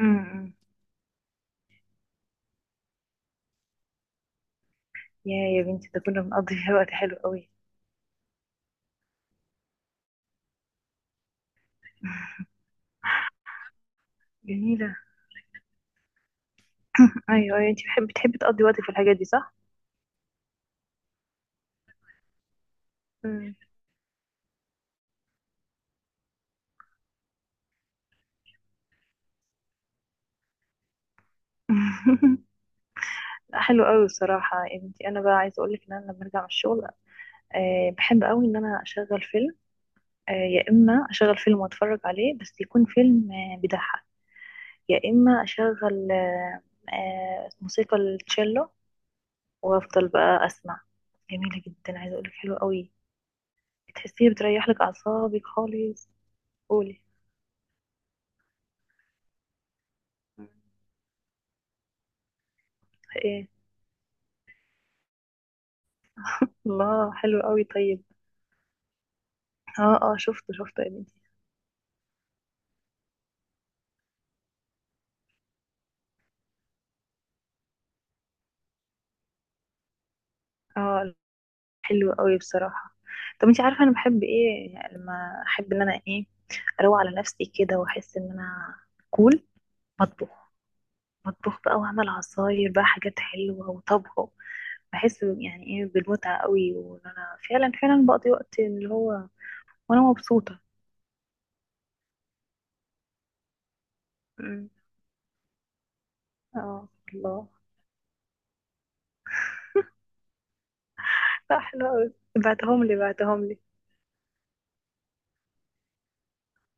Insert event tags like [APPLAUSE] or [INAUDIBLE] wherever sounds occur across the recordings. امم. يا بنتي، ده كنا بنقضي فيها وقت حلو قوي. جميلة. ايوه ايوه، انت بتحبي تقضي وقتك في الحاجات دي، صح؟ مم. [LAUGHS] لا، حلو قوي بصراحة يا بنتي. انا بقى عايزة اقولك ان انا لما ارجع من الشغل بحب قوي ان انا اشغل فيلم. يا اما اشغل فيلم واتفرج عليه، بس يكون فيلم بيضحك. يا اما اشغل أه أه موسيقى التشيلو، وافضل بقى اسمع. جميلة جدا، عايزة اقولك حلوة قوي، بتحسيها بتريح لك اعصابك خالص. قولي. مم. الله، حلو قوي. طيب اه اه، شفته شفته يا بنتي. اه حلو قوي بصراحة. طب انتي عارفة انا بحب ايه؟ يعني لما احب ان انا ايه، اروق على نفسي كده واحس ان انا كول. بطبخ. بطبخ بقى واعمل عصاير بقى، حاجات حلوة وطبخه. بحس يعني ايه بالمتعة قوي، وان انا فعلا فعلا بقضي وقت اللي هو وانا مبسوطة. أمم، اه. الله. لا حلو قوي. بعتهم لي بعتهم لي.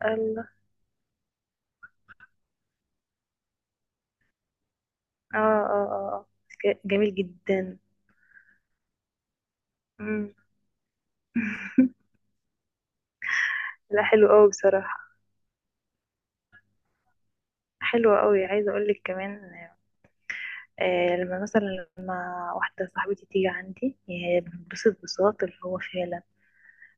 الله. اه اه اه آه. جميل جدا. لا حلو قوي بصراحة، حلو قوي. عايزة اقول لك كمان لما واحدة صاحبتي تيجي عندي، يعني بنبسط بساط اللي هو فعلا.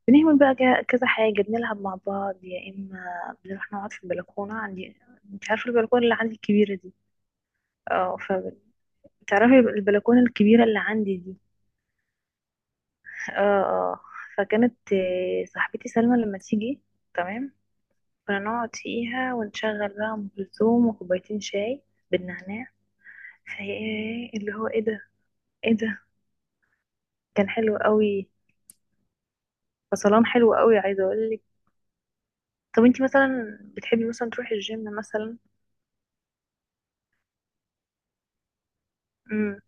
بنعمل بقى كذا حاجة، بنلعب مع بعض، يا إما بنروح نقعد في البلكونة عندي. انت عارفة البلكونة اللي عندي الكبيرة دي؟ اه. فبتعرفي البلكونة الكبيرة اللي عندي دي. اه اه. فكانت صاحبتي سلمى لما تيجي. تمام. كنا نقعد فيها ونشغل بقى أم كلثوم وكوبايتين شاي بالنعناع. فايه اللي هو، ايه ده، ايه ده. كان حلو قوي. فصلان حلو قوي، عايزه اقول لك. طب انتي مثلا بتحبي مثلا تروحي الجيم مثلا؟ امم.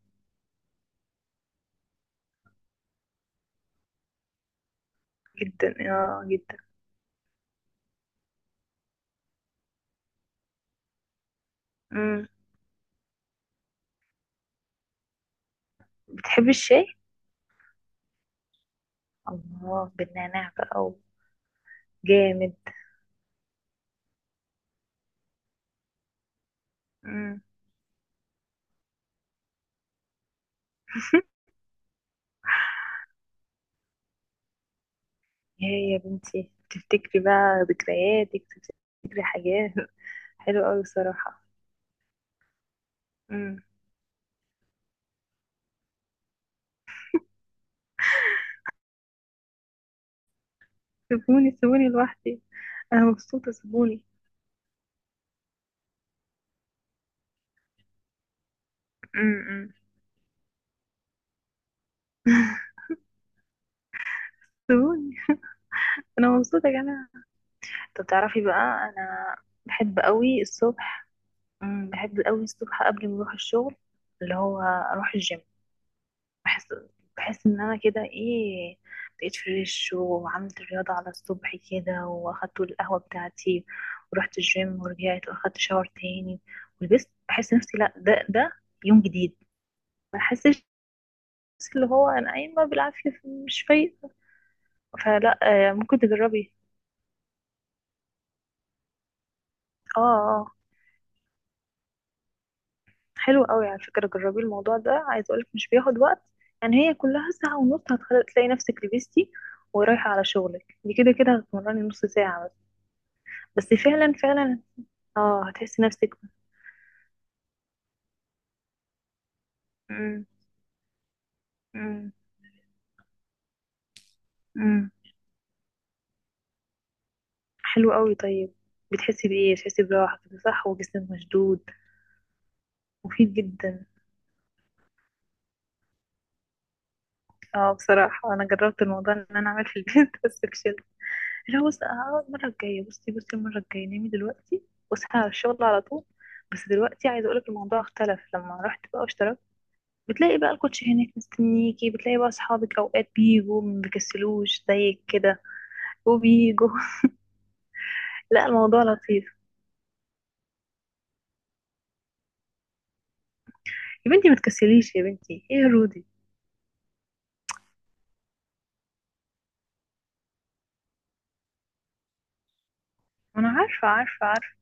جدا، اه، جدا. امم. بتحبي الشاي؟ الله، بالنعناع بقى. جامد. امم. [LAUGHS] يا بنتي، تفتكري بقى ذكرياتك، تفتكري حاجات. [LAUGHS] حلوة قوي بصراحة. امم. سيبوني، سيبوني لوحدي. انا مبسوطة، سيبوني. امم. أمم. [LAUGHS] سيبوني، انا مبسوطة يا جماعة. طب تعرفي بقى، انا بحب قوي الصبح. بحب قوي الصبح قبل ما اروح الشغل، اللي هو اروح الجيم. بحس بحس ان انا كده ايه، بقيت فريش وعملت رياضة على الصبح كده، واخدت القهوة بتاعتي ورحت الجيم ورجعت واخدت شاور تاني ولبست. بحس نفسي لا، ده يوم جديد، ما بحسش اللي هو انا قايمة بالعافية مش فايقة. فلا ممكن تجربي. اه آه. حلو قوي على فكرة، جربي الموضوع ده، عايز اقولك مش بياخد وقت. يعني هي كلها ساعة ونص، هتخلي تلاقي نفسك لبستي ورايحة على شغلك، دي كده كده هتمرني نص ساعة بس. بس فعلا فعلا، اه هتحسي نفسك. مم. مم. مم. حلو قوي. طيب بتحسي بإيه؟ بتحسي براحة كده، صح؟ وجسمك مشدود. مفيد جدا. اه، بصراحة انا جربت الموضوع ان انا اعمل في البيت [LAUGHS] بس فشلت. لا بص، هقعد المرة الجاية. بصي بصي، المرة الجاية نامي دلوقتي واصحي على الشغل على طول. بس دلوقتي عايزة اقولك الموضوع اختلف لما رحت بقى واشتركت. بتلاقي بقى الكوتش هناك مستنيكي، بتلاقي بقى اصحابك، اوقات بيجوا ما بيكسلوش زيك كده وبيجوا. [LAUGHS] لا الموضوع لطيف يا بنتي، ما تكسليش يا بنتي، ايه يا رودي. انا عارفة عارفة عارفة.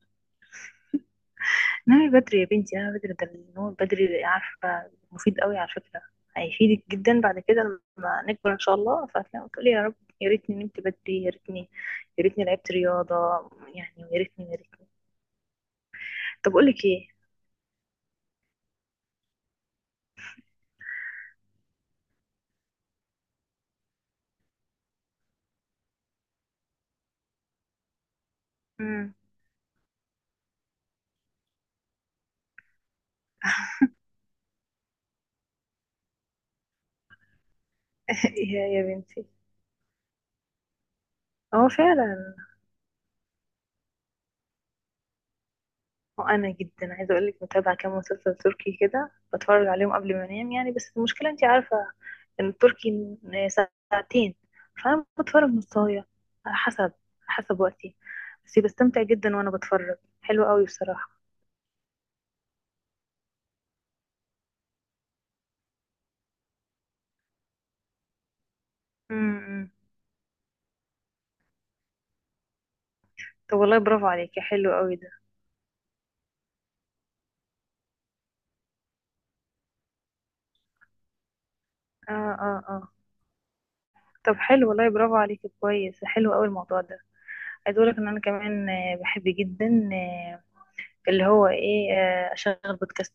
نامي بدري يا بنتي، نامي بدري، ده النوم بدري عارفة مفيد قوي على فكرة. هيفيدك جدا بعد كده، لما نكبر ان شاء الله. فهتلاقي وتقولي يا رب يا ريتني نمت بدري، يا ريتني يا ريتني لعبت رياضة. يعني يا ريتني يا ريتني. طب اقول لك ايه. امم. [LAUGHS] يا بنتي، هو فعلا. وانا جدا عايزه اقول لك، متابعه كام مسلسل تركي كده، بتفرج عليهم قبل ما انام يعني. بس المشكله انت عارفه ان التركي ساعتين، فانا بتفرج نصايه، على حسب وقتي. بس بستمتع جدا وانا بتفرج، حلو قوي بصراحه. امم. طب والله برافو عليكي، حلو قوي ده. اه اه اه. طب حلو، والله برافو عليكي، كويس، حلو قوي الموضوع ده. عايزه اقول لك ان انا كمان بحب جدا اللي هو ايه، اشغل بودكاست.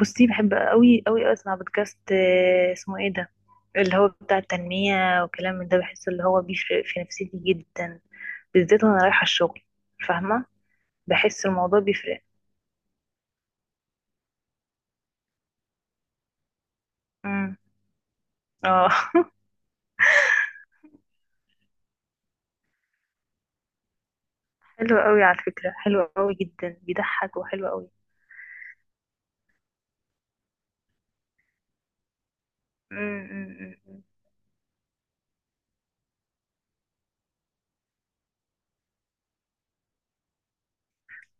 بصي، بحب قوي قوي اسمع بودكاست اسمه ايه ده، اللي هو بتاع التنمية وكلام من ده، بحس اللي هو بيفرق في نفسيتي جدا، بالذات وانا رايحة الشغل. فاهمة؟ بحس الموضوع بيفرق. امم. اه. [LAUGHS] حلو قوي على فكرة، حلو قوي جدا، بيضحك وحلو قوي. امم.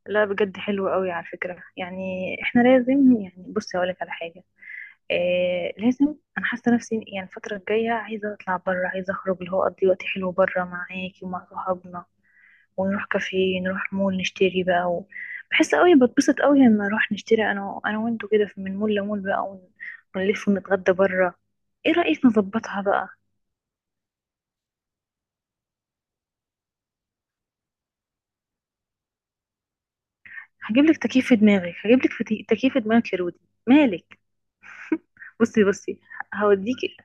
لا بجد حلو قوي على فكرة يعني. احنا لازم يعني، بصي هقولك على حاجة. لازم. انا حاسه نفسي يعني الفتره الجايه عايزه اطلع بره، عايزه اخرج اللي هو اقضي وقت حلو بره معاكي ومع صحابنا، ونروح كافيه، نروح مول، نشتري بقى بحس قوي بتبسط قوي لما اروح نشتري انا وانتوا كده، من مول لمول بقى، ونلف ونتغدى بره. ايه رايك نظبطها بقى؟ هجيب لك تكييف في دماغك، هجيب لك تكييف في دماغك يا رودي. مالك؟ بصي بصي، هوديكي.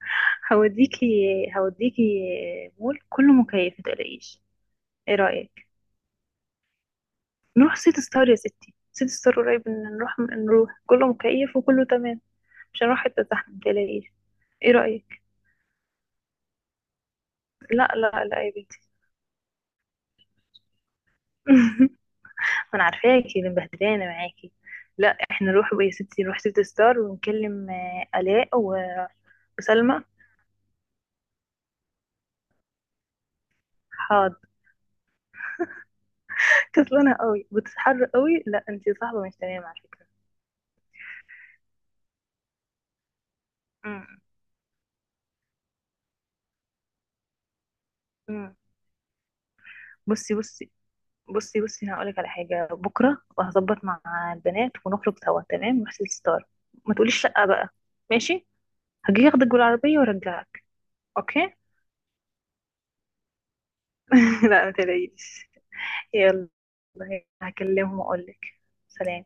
[LAUGHS] هوديكي. هوديكي. مول كله مكيف، متقلقيش. ايه رايك؟ نروح سيتي ستار. يا ستي، سيتي ستار قريب، إن نروح كله مكيف وكله تمام، مش هنروح حتة زحمة، متقلقيش. ايه رأيك؟ لا لا لا يا بنتي. [LAUGHS] ما انا عارفاكي اللي مبهدلانة معاكي. لا احنا نروح بقى يا ستي، نروح سيتي ستار، ونكلم آلاء وسلمى. حاضر. [LAUGHS] كسلانة قوي، بتتحر قوي، لا انتي صاحبة مش تمام على فكرة. أمم، أمم. بصي بصي. بصي بصي، انا هقولك على حاجه، بكره وهظبط مع البنات ونخرج سوا، تمام؟ نروح سيتي ستار. ما تقوليش شقه بقى. ماشي. هجي اخدك بالعربيه وارجعك. اوكي. [LAUGHS] لا ما تلاقيش. يلا. هكلمهم واقولك. سلام.